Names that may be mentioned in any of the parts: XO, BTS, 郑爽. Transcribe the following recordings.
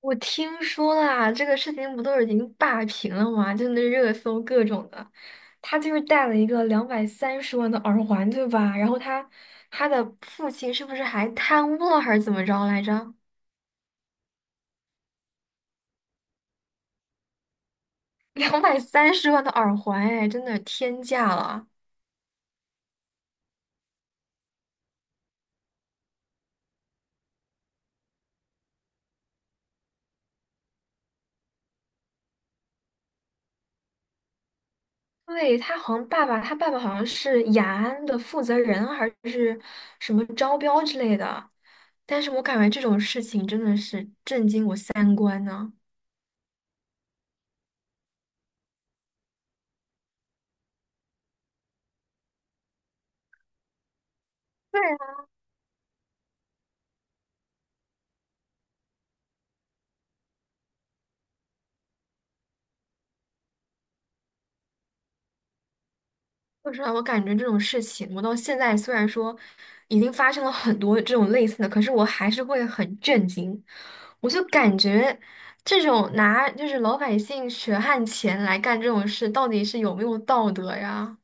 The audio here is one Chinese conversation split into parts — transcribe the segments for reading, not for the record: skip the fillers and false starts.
我听说啦，这个事情不都已经霸屏了吗？就那热搜各种的，他就是戴了一个两百三十万的耳环，对吧？然后他的父亲是不是还贪污了还是怎么着来着？两百三十万的耳环，哎，真的天价了。对，他好像爸爸，他爸爸好像是雅安的负责人还是什么招标之类的，但是我感觉这种事情真的是震惊我三观呢。说实话，我感觉这种事情，我到现在虽然说已经发生了很多这种类似的，可是我还是会很震惊。我就感觉这种拿就是老百姓血汗钱来干这种事，到底是有没有道德呀？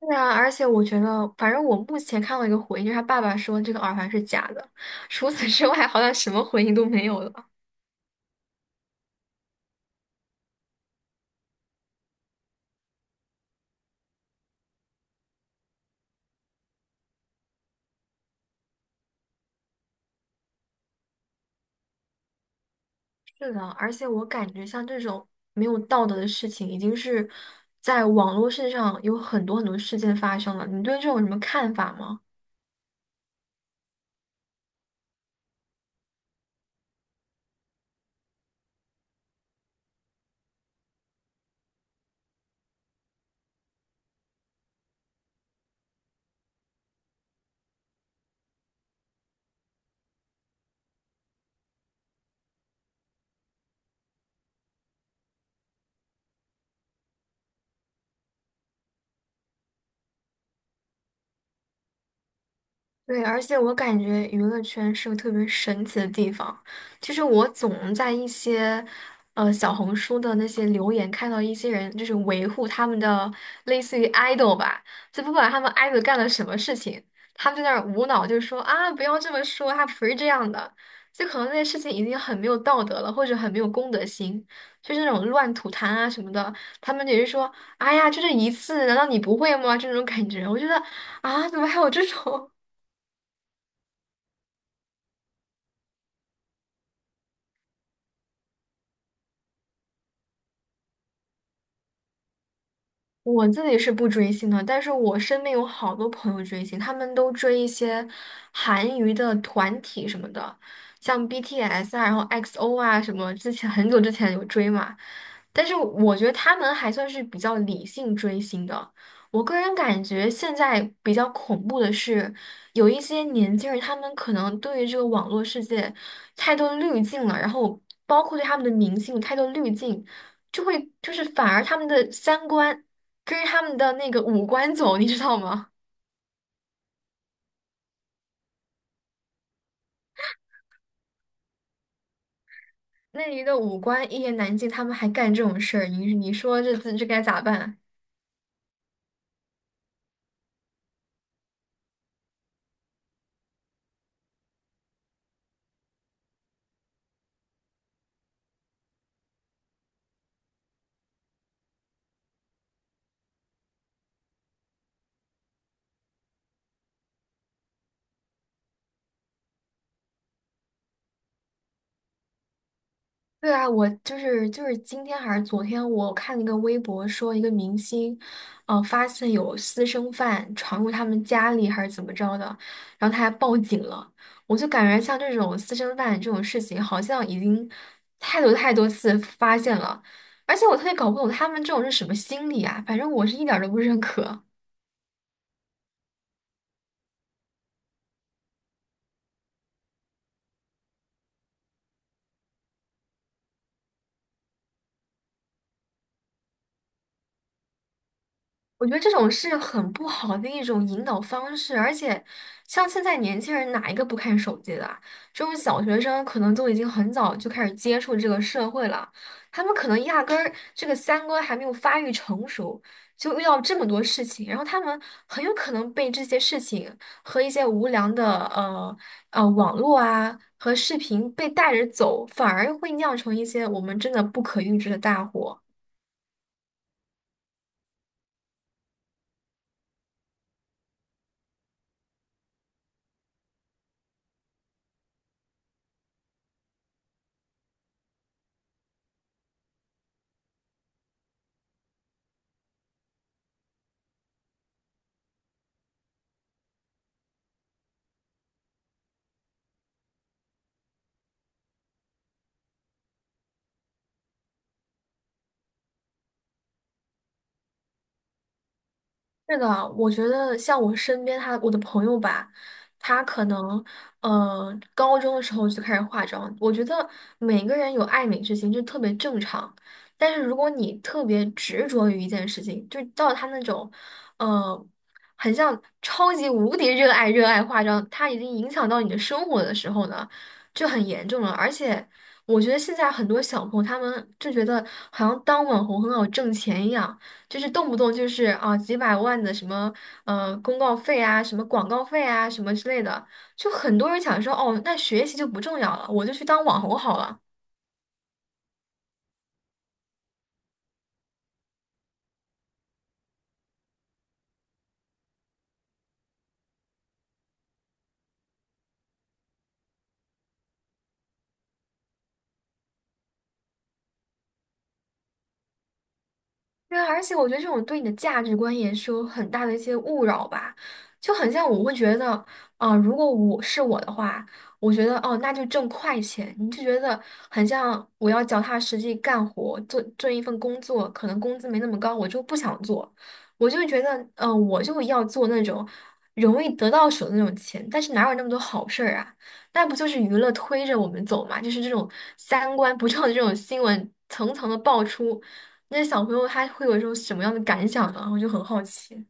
对啊，而且我觉得，反正我目前看到一个回应，就是他爸爸说这个耳环是假的，除此之外，好像什么回应都没有了。是的，而且我感觉像这种没有道德的事情，已经是在网络世上有很多很多事件发生了。你对这种有什么看法吗？对，而且我感觉娱乐圈是个特别神奇的地方。就是我总在一些，小红书的那些留言看到一些人就是维护他们的类似于 idol 吧，就不管他们 idol 干了什么事情，他们在那儿无脑就说啊，不要这么说，他不是这样的。就可能那些事情已经很没有道德了，或者很没有公德心，就是那种乱吐痰啊什么的，他们也是说，哎呀，就这一次，难道你不会吗？这种感觉，我觉得啊，怎么还有这种？我自己是不追星的，但是我身边有好多朋友追星，他们都追一些韩娱的团体什么的，像 BTS 啊，然后 XO 啊什么，之前很久之前有追嘛。但是我觉得他们还算是比较理性追星的。我个人感觉现在比较恐怖的是，有一些年轻人他们可能对于这个网络世界太多滤镜了，然后包括对他们的明星有太多滤镜。就会就是反而他们的三观可是他们的那个五官走，你知道吗？那里的五官一言难尽，他们还干这种事儿，你说这该咋办？对啊，我就是今天还是昨天，我看了一个微博，说一个明星，发现有私生饭闯入他们家里还是怎么着的，然后他还报警了。我就感觉像这种私生饭这种事情，好像已经太多太多次发现了，而且我特别搞不懂他们这种是什么心理啊，反正我是一点儿都不认可。我觉得这种是很不好的一种引导方式，而且像现在年轻人哪一个不看手机的啊？这种小学生可能都已经很早就开始接触这个社会了，他们可能压根儿这个三观还没有发育成熟，就遇到这么多事情，然后他们很有可能被这些事情和一些无良的网络啊和视频被带着走，反而会酿成一些我们真的不可预知的大祸。是的，我觉得像我身边他我的朋友吧，他可能高中的时候就开始化妆。我觉得每个人有爱美之心，就特别正常。但是如果你特别执着于一件事情，就到他那种呃很像超级无敌热爱化妆，它已经影响到你的生活的时候呢，就很严重了。而且我觉得现在很多小朋友他们就觉得好像当网红很好挣钱一样。就是动不动就是啊几百万的什么公告费啊，什么广告费啊，什么之类的，就很多人想说哦，那学习就不重要了，我就去当网红好了。对啊，而且我觉得这种对你的价值观也是有很大的一些误扰吧，就很像我会觉得，啊、如果我是我的话，我觉得哦，那就挣快钱，你就觉得很像我要脚踏实地干活，做做一份工作，可能工资没那么高，我就不想做，我就会觉得，嗯、我就要做那种容易得到手的那种钱，但是哪有那么多好事儿啊？那不就是娱乐推着我们走嘛？就是这种三观不正的这种新闻层层的爆出。那些小朋友他会有一种什么样的感想呢？我就很好奇。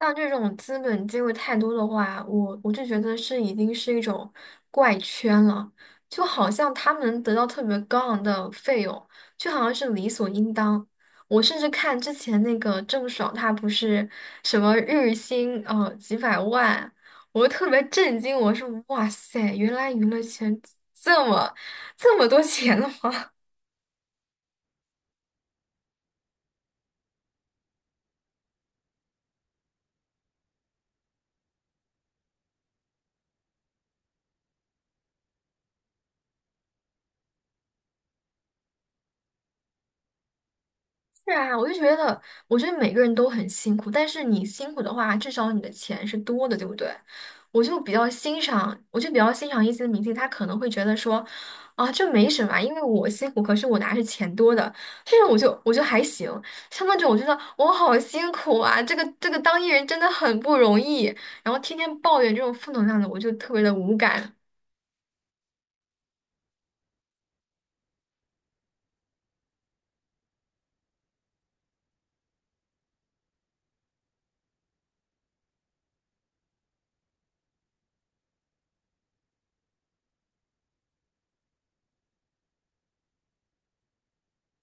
像这种资本介入太多的话，我就觉得是已经是一种怪圈了，就好像他们能得到特别高昂的费用，就好像是理所应当。我甚至看之前那个郑爽，她不是什么日薪几百万，我就特别震惊，我说哇塞，原来娱乐圈这么这么多钱了吗？是啊，我就觉得，我觉得每个人都很辛苦，但是你辛苦的话，至少你的钱是多的，对不对？我就比较欣赏，我就比较欣赏一些明星，他可能会觉得说，啊，这没什么啊因为我辛苦，可是我拿着钱多的，这种我就还行。像那种我觉得我好辛苦啊，这个当艺人真的很不容易，然后天天抱怨这种负能量的，我就特别的无感。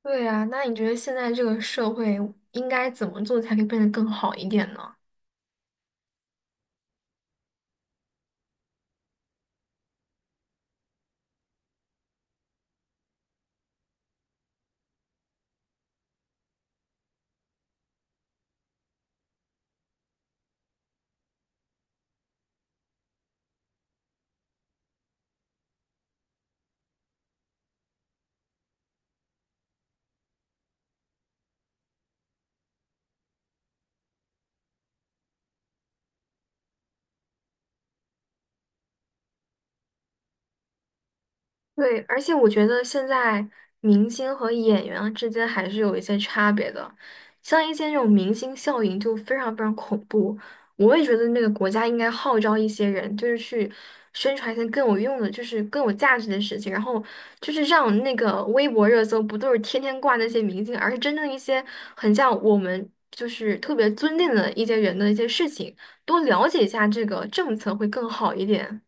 对啊，那你觉得现在这个社会应该怎么做才可以变得更好一点呢？对，而且我觉得现在明星和演员啊之间还是有一些差别的，像一些那种明星效应就非常非常恐怖。我也觉得那个国家应该号召一些人，就是去宣传一些更有用的，就是更有价值的事情，然后就是让那个微博热搜不都是天天挂那些明星，而是真正一些很像我们就是特别尊敬的一些人的一些事情，多了解一下这个政策会更好一点。